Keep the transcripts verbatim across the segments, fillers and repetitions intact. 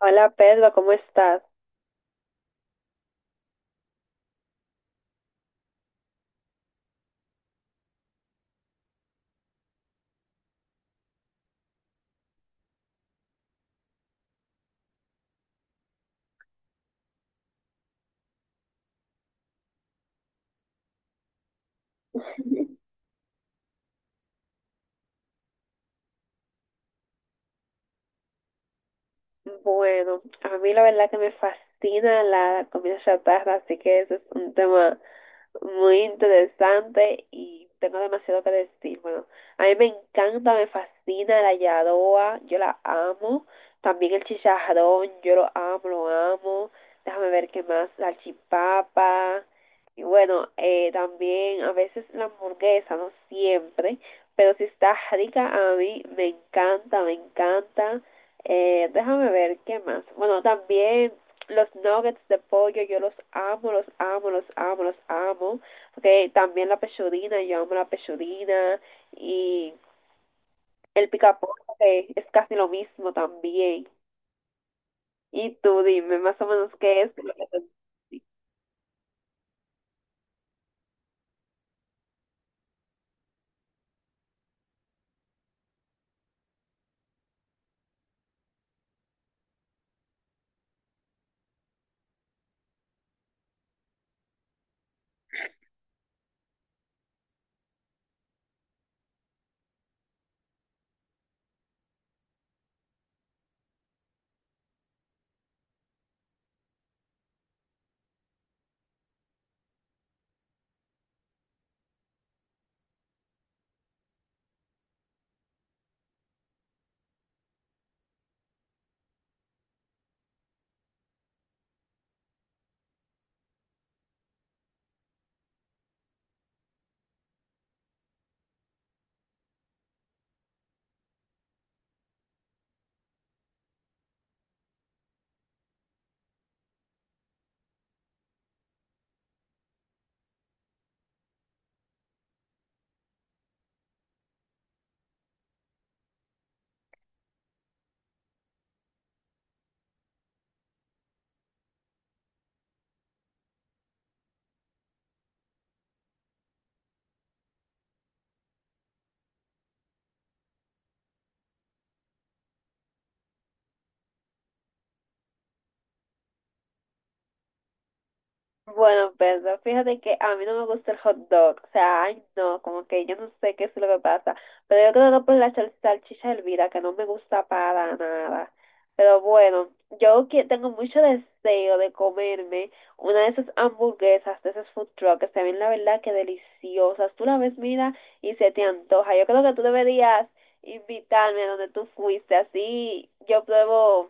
Hola Pedro, ¿cómo estás? Bueno, a mí la verdad que me fascina la comida chatarra, así que ese es un tema muy interesante y tengo demasiado que decir. Bueno, a mí me encanta, me fascina la yadoa, yo la amo. También el chicharrón, yo lo amo, lo amo. Déjame ver qué más, la chipapa. Y bueno, eh, también a veces la hamburguesa, no siempre, pero si está rica a mí, me encanta, me encanta. Eh, déjame ver qué más. Bueno, también los nuggets de pollo yo los amo, los amo, los amo, los amo. Porque también la pechudina, yo amo la pechudina. Y el picaporte okay, es casi lo mismo también. Y tú dime más o menos qué es lo que te... Bueno, Pedro, fíjate que a mí no me gusta el hot dog, o sea, ay no, como que yo no sé qué es lo que pasa, pero yo creo que por la sal- salchicha hervida, que no me gusta para nada, pero bueno, yo que tengo mucho deseo de comerme una de esas hamburguesas, de esas food trucks, que se ven la verdad que deliciosas, tú la ves, mira, y se te antoja, yo creo que tú deberías invitarme a donde tú fuiste, así yo pruebo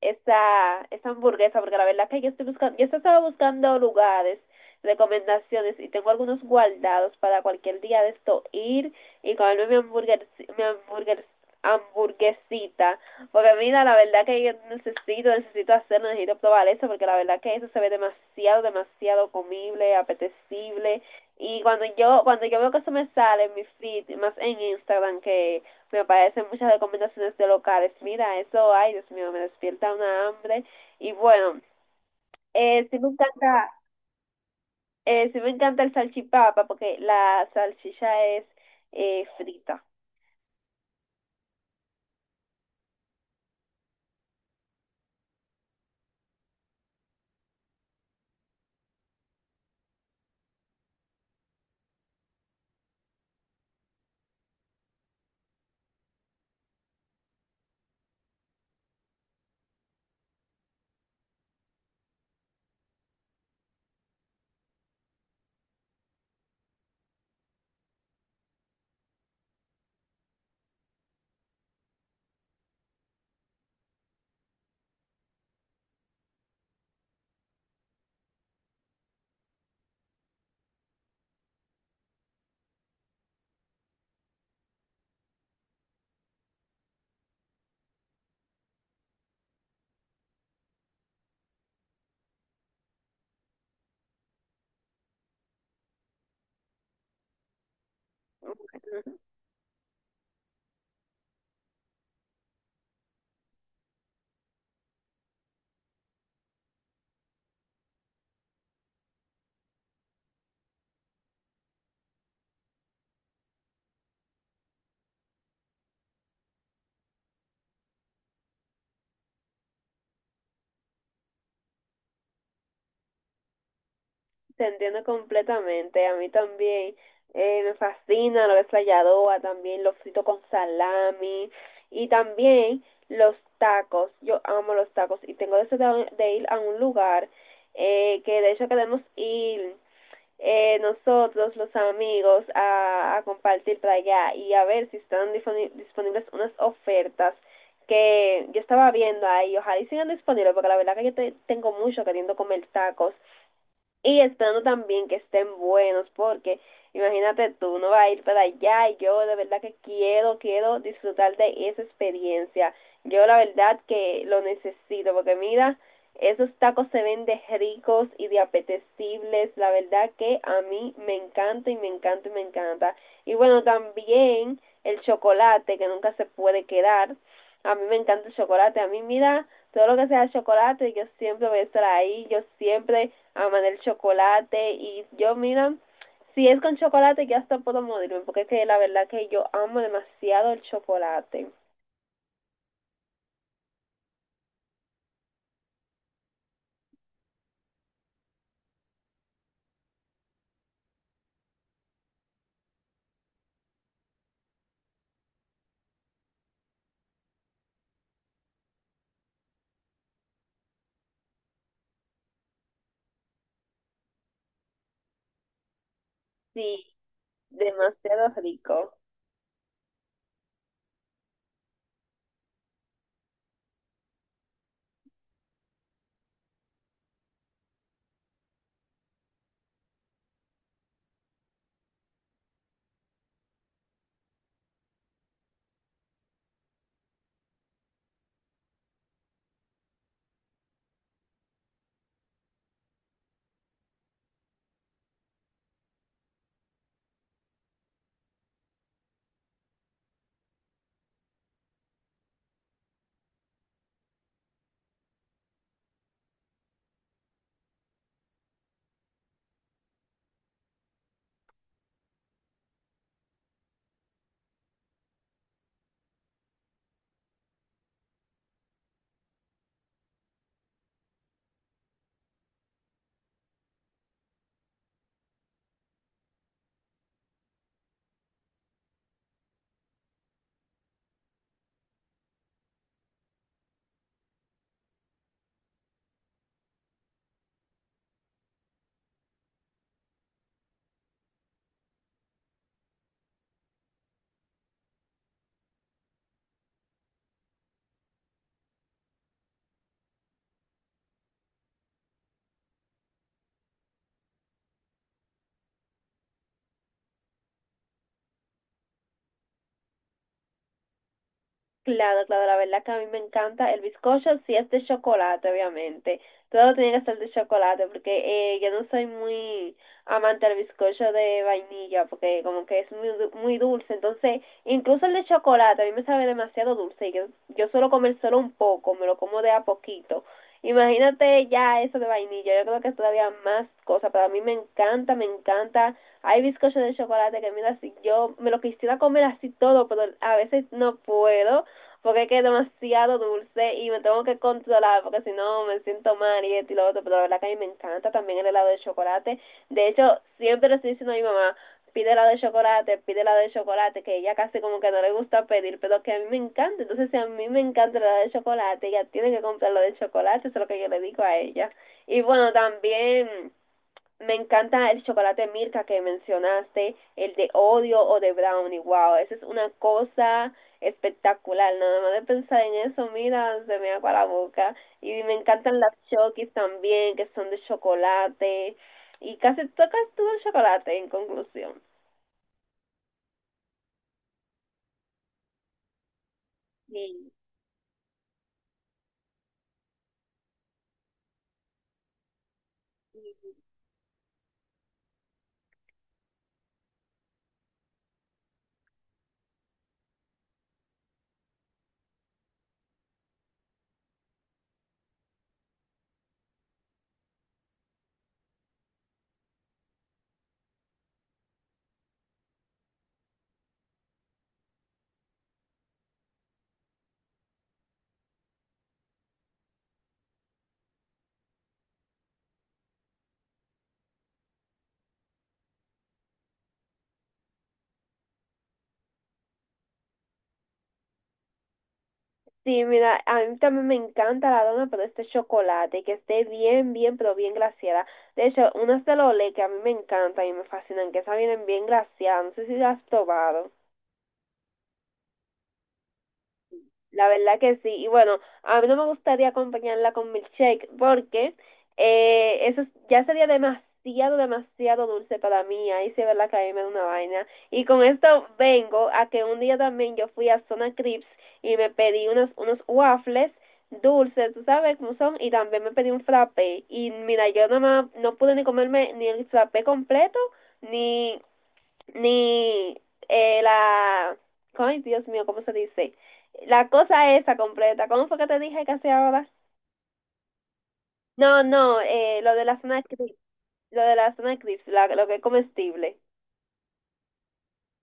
esa, esa hamburguesa, porque la verdad que yo estoy buscando, yo estaba buscando lugares, recomendaciones y tengo algunos guardados para cualquier día de esto ir y comerme mi hamburguer, mi hamburguer, hamburguesita, porque mira, la verdad que yo necesito, necesito hacerlo, necesito probar eso, porque la verdad que eso se ve demasiado, demasiado comible, apetecible, y cuando yo, cuando yo veo que eso me sale en mi feed, más en Instagram, que me aparecen muchas recomendaciones de locales. Mira, eso, ay, Dios mío, me despierta una hambre. Y bueno, eh, sí me encanta, eh, sí me encanta el salchipapa porque la salchicha es eh, frita. Ujú. Te entiendo completamente, a mí también. Eh, me fascina lo que es la yadoa, también lo frito con salami y también los tacos. Yo amo los tacos y tengo deseo de, de ir a un lugar eh, que de hecho queremos ir, eh, nosotros, los amigos, a, a, compartir para allá y a ver si están disponibles unas ofertas que yo estaba viendo ahí. Ojalá y sigan disponibles, porque la verdad que yo te, tengo mucho queriendo comer tacos y esperando también que estén buenos, porque imagínate tú, no va a ir para allá y yo de verdad que quiero, quiero disfrutar de esa experiencia. Yo la verdad que lo necesito, porque mira, esos tacos se ven de ricos y de apetecibles, la verdad que a mí me encanta y me encanta y me encanta. Y bueno, también el chocolate, que nunca se puede quedar. A mí me encanta el chocolate, a mí mira, todo lo que sea chocolate, yo siempre voy a estar ahí, yo siempre aman el chocolate y yo, mira, si es con chocolate ya hasta puedo morirme, porque es que la verdad que yo amo demasiado el chocolate. Sí, demasiado rico. Claro, claro, la verdad que a mí me encanta el bizcocho si es de chocolate, obviamente. Todo tiene que ser de chocolate, porque eh, yo no soy muy amante del bizcocho de vainilla, porque como que es muy, du- muy dulce. Entonces, incluso el de chocolate a mí me sabe demasiado dulce y yo, yo suelo comer solo un poco, me lo como de a poquito. Imagínate ya eso de vainilla, yo creo que es todavía más cosa, pero a mí me encanta, me encanta. Hay bizcochos de chocolate que mira, si yo me lo quisiera comer así todo, pero a veces no puedo porque es que es demasiado dulce y me tengo que controlar porque si no me siento mal y esto y lo otro, pero la verdad que a mí me encanta también el helado de chocolate. De hecho, siempre lo estoy diciendo a mi mamá, pide la de chocolate, pide la de chocolate, que ella casi como que no le gusta pedir, pero que a mí me encanta. Entonces, si a mí me encanta la de chocolate, ella tiene que comprar la de chocolate, eso es lo que yo le digo a ella. Y bueno, también me encanta el chocolate Mirka que mencionaste, el de odio o de brownie, wow, esa es una cosa espectacular, nada más de pensar en eso, mira, se me agua la boca. Y me encantan las chokis también, que son de chocolate, y casi tocas todo el chocolate en conclusión. Sí. Sí, mira, a mí también me encanta la dona, pero este chocolate, que esté bien, bien, pero bien glaseada. De hecho, unas de Lolé que a mí me encantan y me fascinan, que esas vienen bien glaseadas, no sé si las has probado. La verdad que sí. Y bueno, a mí no me gustaría acompañarla con milkshake porque eh, eso es- ya sería demasiado, demasiado dulce para mí. Ahí sí es verdad que a mí me da una vaina. Y con esto vengo a que un día también yo fui a Zona Crips y me pedí unos, unos waffles dulces, tú sabes cómo son, y también me pedí un frappé. Y mira, yo nada más no pude ni comerme ni el frappé completo, ni, ni eh, la... Ay, Dios mío, ¿cómo se dice? La cosa esa completa. ¿Cómo fue que te dije que hacía ahora? No, no, eh, lo de la zona de eclipse, lo de la zona de eclipse, la- lo que es comestible.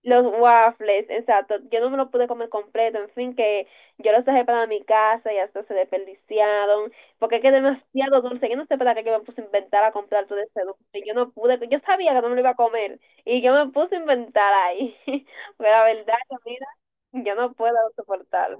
Los waffles, exacto. Yo no me lo pude comer completo, en fin, que yo los dejé para mi casa y hasta se desperdiciaron, porque es que es demasiado dulce. Yo no sé para qué yo me puse a inventar a comprar todo ese dulce. Yo no pude, yo sabía que no me lo iba a comer y yo me puse a inventar ahí. Pero la verdad, que mira, yo no puedo soportarlo.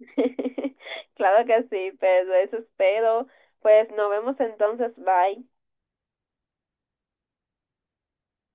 Claro que sí, pero eso espero. Pues nos vemos entonces, bye.